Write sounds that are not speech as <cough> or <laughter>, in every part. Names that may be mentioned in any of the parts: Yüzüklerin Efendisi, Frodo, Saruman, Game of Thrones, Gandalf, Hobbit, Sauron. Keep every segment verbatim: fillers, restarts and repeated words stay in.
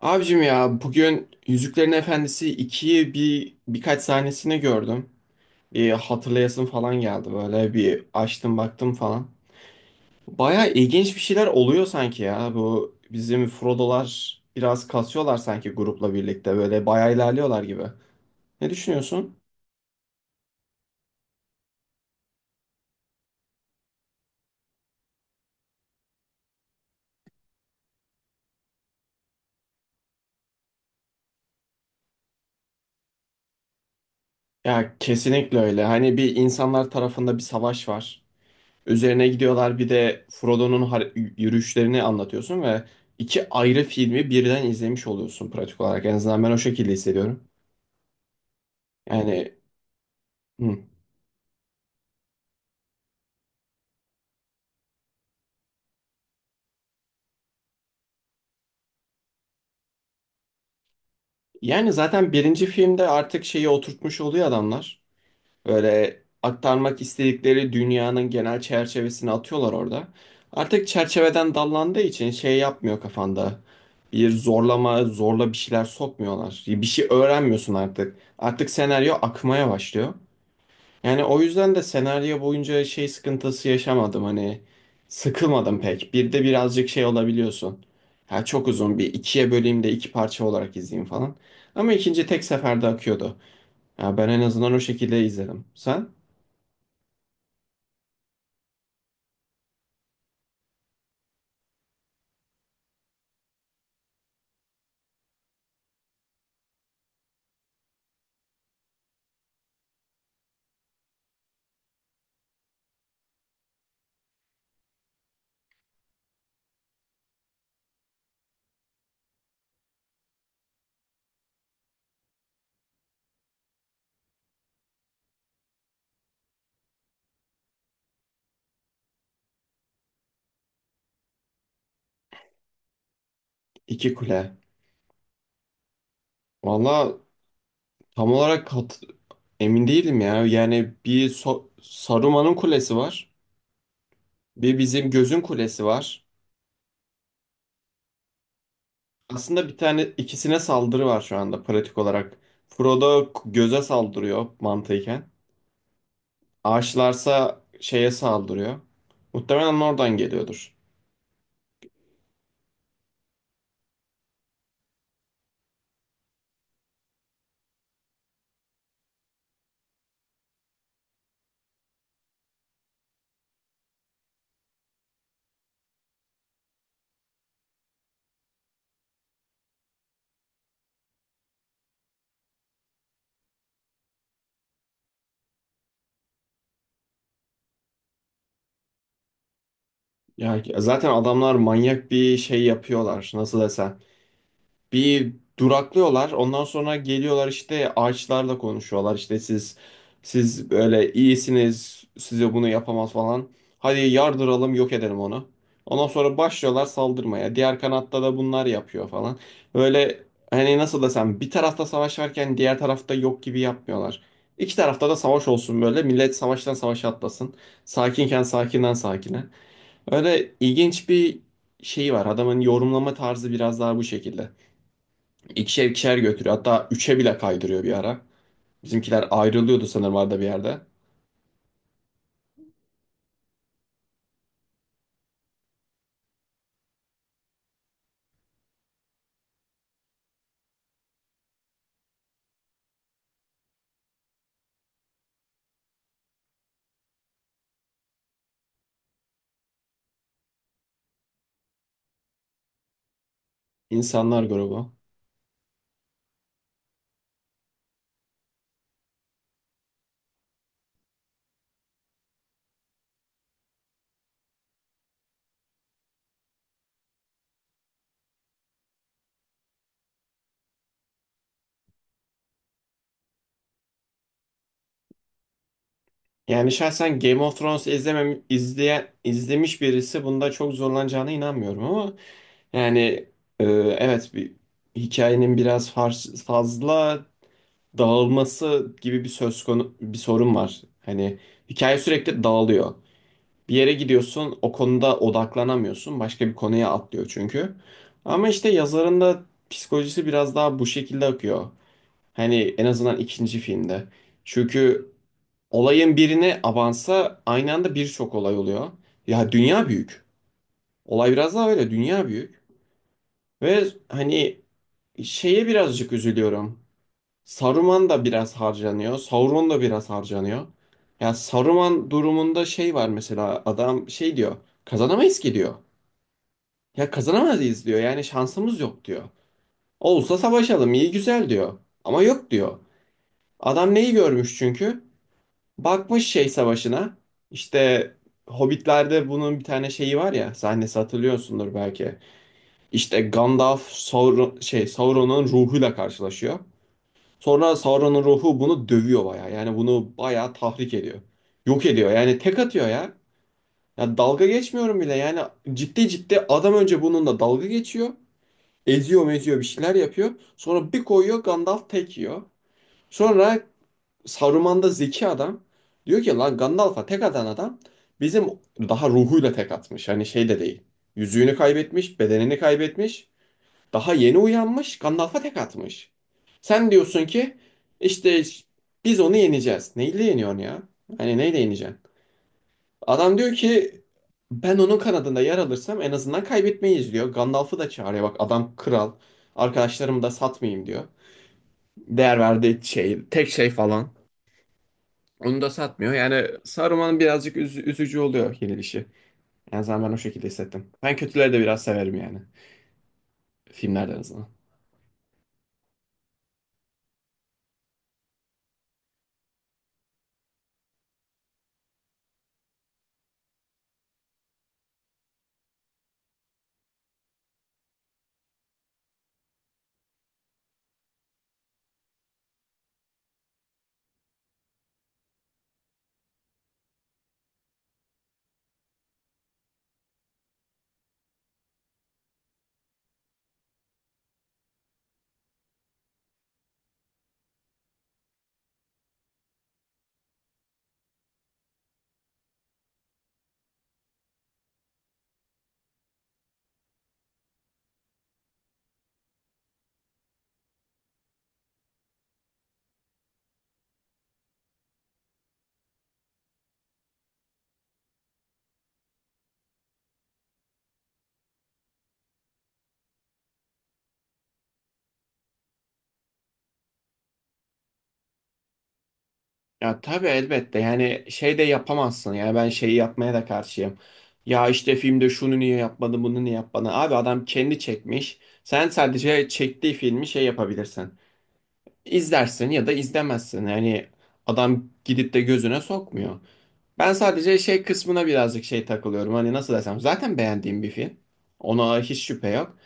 Abicim ya bugün Yüzüklerin Efendisi ikiyi bir birkaç sahnesini gördüm. Bir hatırlayasım falan geldi, böyle bir açtım baktım falan. Baya ilginç bir şeyler oluyor sanki, ya bu bizim Frodo'lar biraz kasıyorlar sanki, grupla birlikte böyle baya ilerliyorlar gibi. Ne düşünüyorsun? Ya kesinlikle öyle, hani bir insanlar tarafında bir savaş var. Üzerine gidiyorlar, bir de Frodo'nun har- yürüyüşlerini anlatıyorsun ve iki ayrı filmi birden izlemiş oluyorsun pratik olarak. En azından ben o şekilde hissediyorum. Yani hı. Yani zaten birinci filmde artık şeyi oturtmuş oluyor adamlar. Böyle aktarmak istedikleri dünyanın genel çerçevesini atıyorlar orada. Artık çerçeveden dallandığı için şey yapmıyor kafanda. Bir zorlama, zorla bir şeyler sokmuyorlar. Bir şey öğrenmiyorsun artık. Artık senaryo akmaya başlıyor. Yani o yüzden de senaryo boyunca şey sıkıntısı yaşamadım, hani sıkılmadım pek. Bir de birazcık şey olabiliyorsun. Ha çok uzun, bir ikiye böleyim de iki parça olarak izleyeyim falan. Ama ikinci tek seferde akıyordu. Ya ben en azından o şekilde izledim. Sen? İki Kule. Valla tam olarak kat- emin değilim ya. Yani bir So- Saruman'ın kulesi var. Bir bizim gözün kulesi var. Aslında bir tane ikisine saldırı var şu anda pratik olarak. Frodo k- göze saldırıyor mantıken. Ağaçlarsa şeye saldırıyor. Muhtemelen oradan geliyordur. Yani zaten adamlar manyak bir şey yapıyorlar. Nasıl desem. Bir duraklıyorlar. Ondan sonra geliyorlar, işte ağaçlarla konuşuyorlar. İşte siz siz böyle iyisiniz. Size bunu yapamaz falan. Hadi yardıralım, yok edelim onu. Ondan sonra başlıyorlar saldırmaya. Diğer kanatta da bunlar yapıyor falan. Böyle hani nasıl desem, bir tarafta savaş varken diğer tarafta yok gibi yapmıyorlar. İki tarafta da savaş olsun böyle. Millet savaştan savaşa atlasın. Sakinken sakinden sakine. Öyle ilginç bir şeyi var. Adamın yorumlama tarzı biraz daha bu şekilde. İkişer ikişer götürüyor. Hatta üçe bile kaydırıyor bir ara. Bizimkiler ayrılıyordu sanırım arada bir yerde. İnsanlar grubu. Yani şahsen Game of Thrones izlemem, izleyen, izlemiş birisi bunda çok zorlanacağına inanmıyorum, ama yani e, evet, bir hikayenin biraz far- fazla dağılması gibi bir söz konu bir sorun var. Hani hikaye sürekli dağılıyor. Bir yere gidiyorsun, o konuda odaklanamıyorsun. Başka bir konuya atlıyor çünkü. Ama işte yazarın da psikolojisi biraz daha bu şekilde akıyor. Hani en azından ikinci filmde. Çünkü olayın birini avansa aynı anda birçok olay oluyor. Ya dünya büyük. Olay biraz daha öyle, dünya büyük. Ve hani şeye birazcık üzülüyorum. Saruman da biraz harcanıyor. Sauron da biraz harcanıyor. Ya Saruman durumunda şey var, mesela adam şey diyor. Kazanamayız ki diyor. Ya kazanamayız diyor. Yani şansımız yok diyor. Olsa savaşalım iyi güzel diyor. Ama yok diyor. Adam neyi görmüş çünkü? Bakmış şey savaşına. İşte Hobbit'lerde bunun bir tane şeyi var ya, sahnesi hatırlıyorsundur belki. İşte Gandalf Sauron, şey Sauron'un ruhuyla karşılaşıyor. Sonra Sauron'un ruhu bunu dövüyor bayağı. Yani bunu bayağı tahrik ediyor. Yok ediyor. Yani tek atıyor ya. Ya dalga geçmiyorum bile. Yani ciddi ciddi adam önce bununla dalga geçiyor. Eziyor meziyor bir şeyler yapıyor. Sonra bir koyuyor Gandalf tek yiyor. Sonra Saruman da zeki adam. Diyor ki lan Gandalf'a tek atan adam bizim daha ruhuyla tek atmış. Hani şey de değil. Yüzüğünü kaybetmiş, bedenini kaybetmiş. Daha yeni uyanmış, Gandalf'a tek atmış. Sen diyorsun ki işte biz onu yeneceğiz. Neyle yeniyorsun ya? Hani neyle yeneceksin? Adam diyor ki ben onun kanadında yer alırsam en azından kaybetmeyiz diyor. Gandalf'ı da çağırıyor. Bak adam kral. Arkadaşlarımı da satmayayım diyor. Değer verdiği şey, tek şey falan. Onu da satmıyor. Yani Saruman birazcık üz- üzücü oluyor yenilişi. En azından ben o şekilde hissettim. Ben kötüleri de biraz severim yani. Filmlerden azından. Ya tabii elbette, yani şey de yapamazsın, yani ben şeyi yapmaya da karşıyım. Ya işte filmde şunu niye yapmadı bunu niye yapmadı. Abi adam kendi çekmiş. Sen sadece çektiği filmi şey yapabilirsin. İzlersin ya da izlemezsin. Yani adam gidip de gözüne sokmuyor. Ben sadece şey kısmına birazcık şey takılıyorum. Hani nasıl desem, zaten beğendiğim bir film. Ona hiç şüphe yok.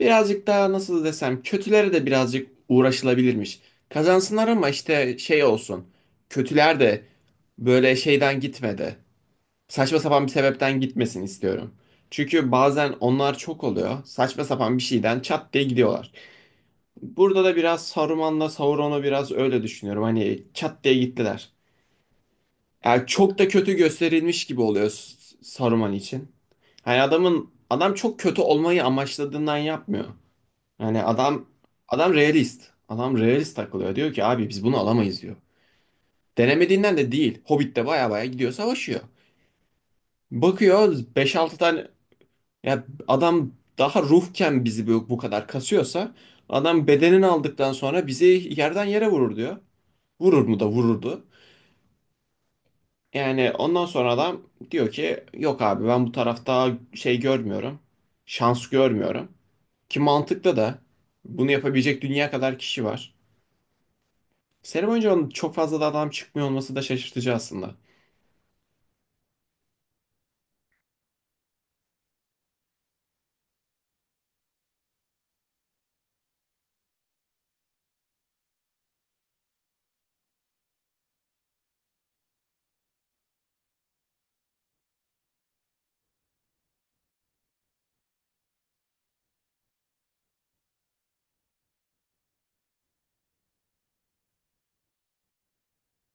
Birazcık daha nasıl desem, kötülere de birazcık uğraşılabilirmiş. Kazansınlar ama işte şey olsun. Kötüler de böyle şeyden gitmedi. Saçma sapan bir sebepten gitmesin istiyorum. Çünkü bazen onlar çok oluyor. Saçma sapan bir şeyden çat diye gidiyorlar. Burada da biraz Saruman'la Sauron'u biraz öyle düşünüyorum. Hani çat diye gittiler. Yani çok da kötü gösterilmiş gibi oluyor S- Saruman için. Hani adamın adam çok kötü olmayı amaçladığından yapmıyor. Yani adam adam realist. Adam realist takılıyor. Diyor ki abi biz bunu alamayız diyor. Denemediğinden de değil. Hobbit'te baya baya gidiyor savaşıyor. Bakıyor beş altı tane, ya adam daha ruhken bizi bu, bu kadar kasıyorsa adam bedenini aldıktan sonra bizi yerden yere vurur diyor. Vurur mu da vururdu. Yani ondan sonra adam diyor ki yok abi, ben bu tarafta şey görmüyorum. Şans görmüyorum. Ki mantıklı da, bunu yapabilecek dünya kadar kişi var. Seri boyunca onun çok fazla da adam çıkmıyor olması da şaşırtıcı aslında.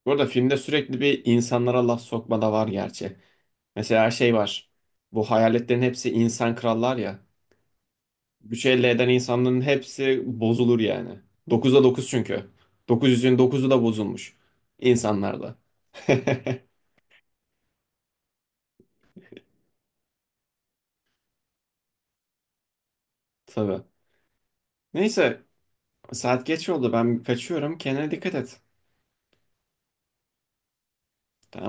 Bu arada filmde sürekli bir insanlara laf sokma da var gerçi. Mesela şey var. Bu hayaletlerin hepsi insan krallar ya. Güç elde eden insanların hepsi bozulur yani. dokuza dokuz çünkü. Dokuz yüzün dokuzu da bozulmuş. İnsanlarda. <laughs> Tabii. Neyse saat geç oldu, ben kaçıyorum, kendine dikkat et. Tamam.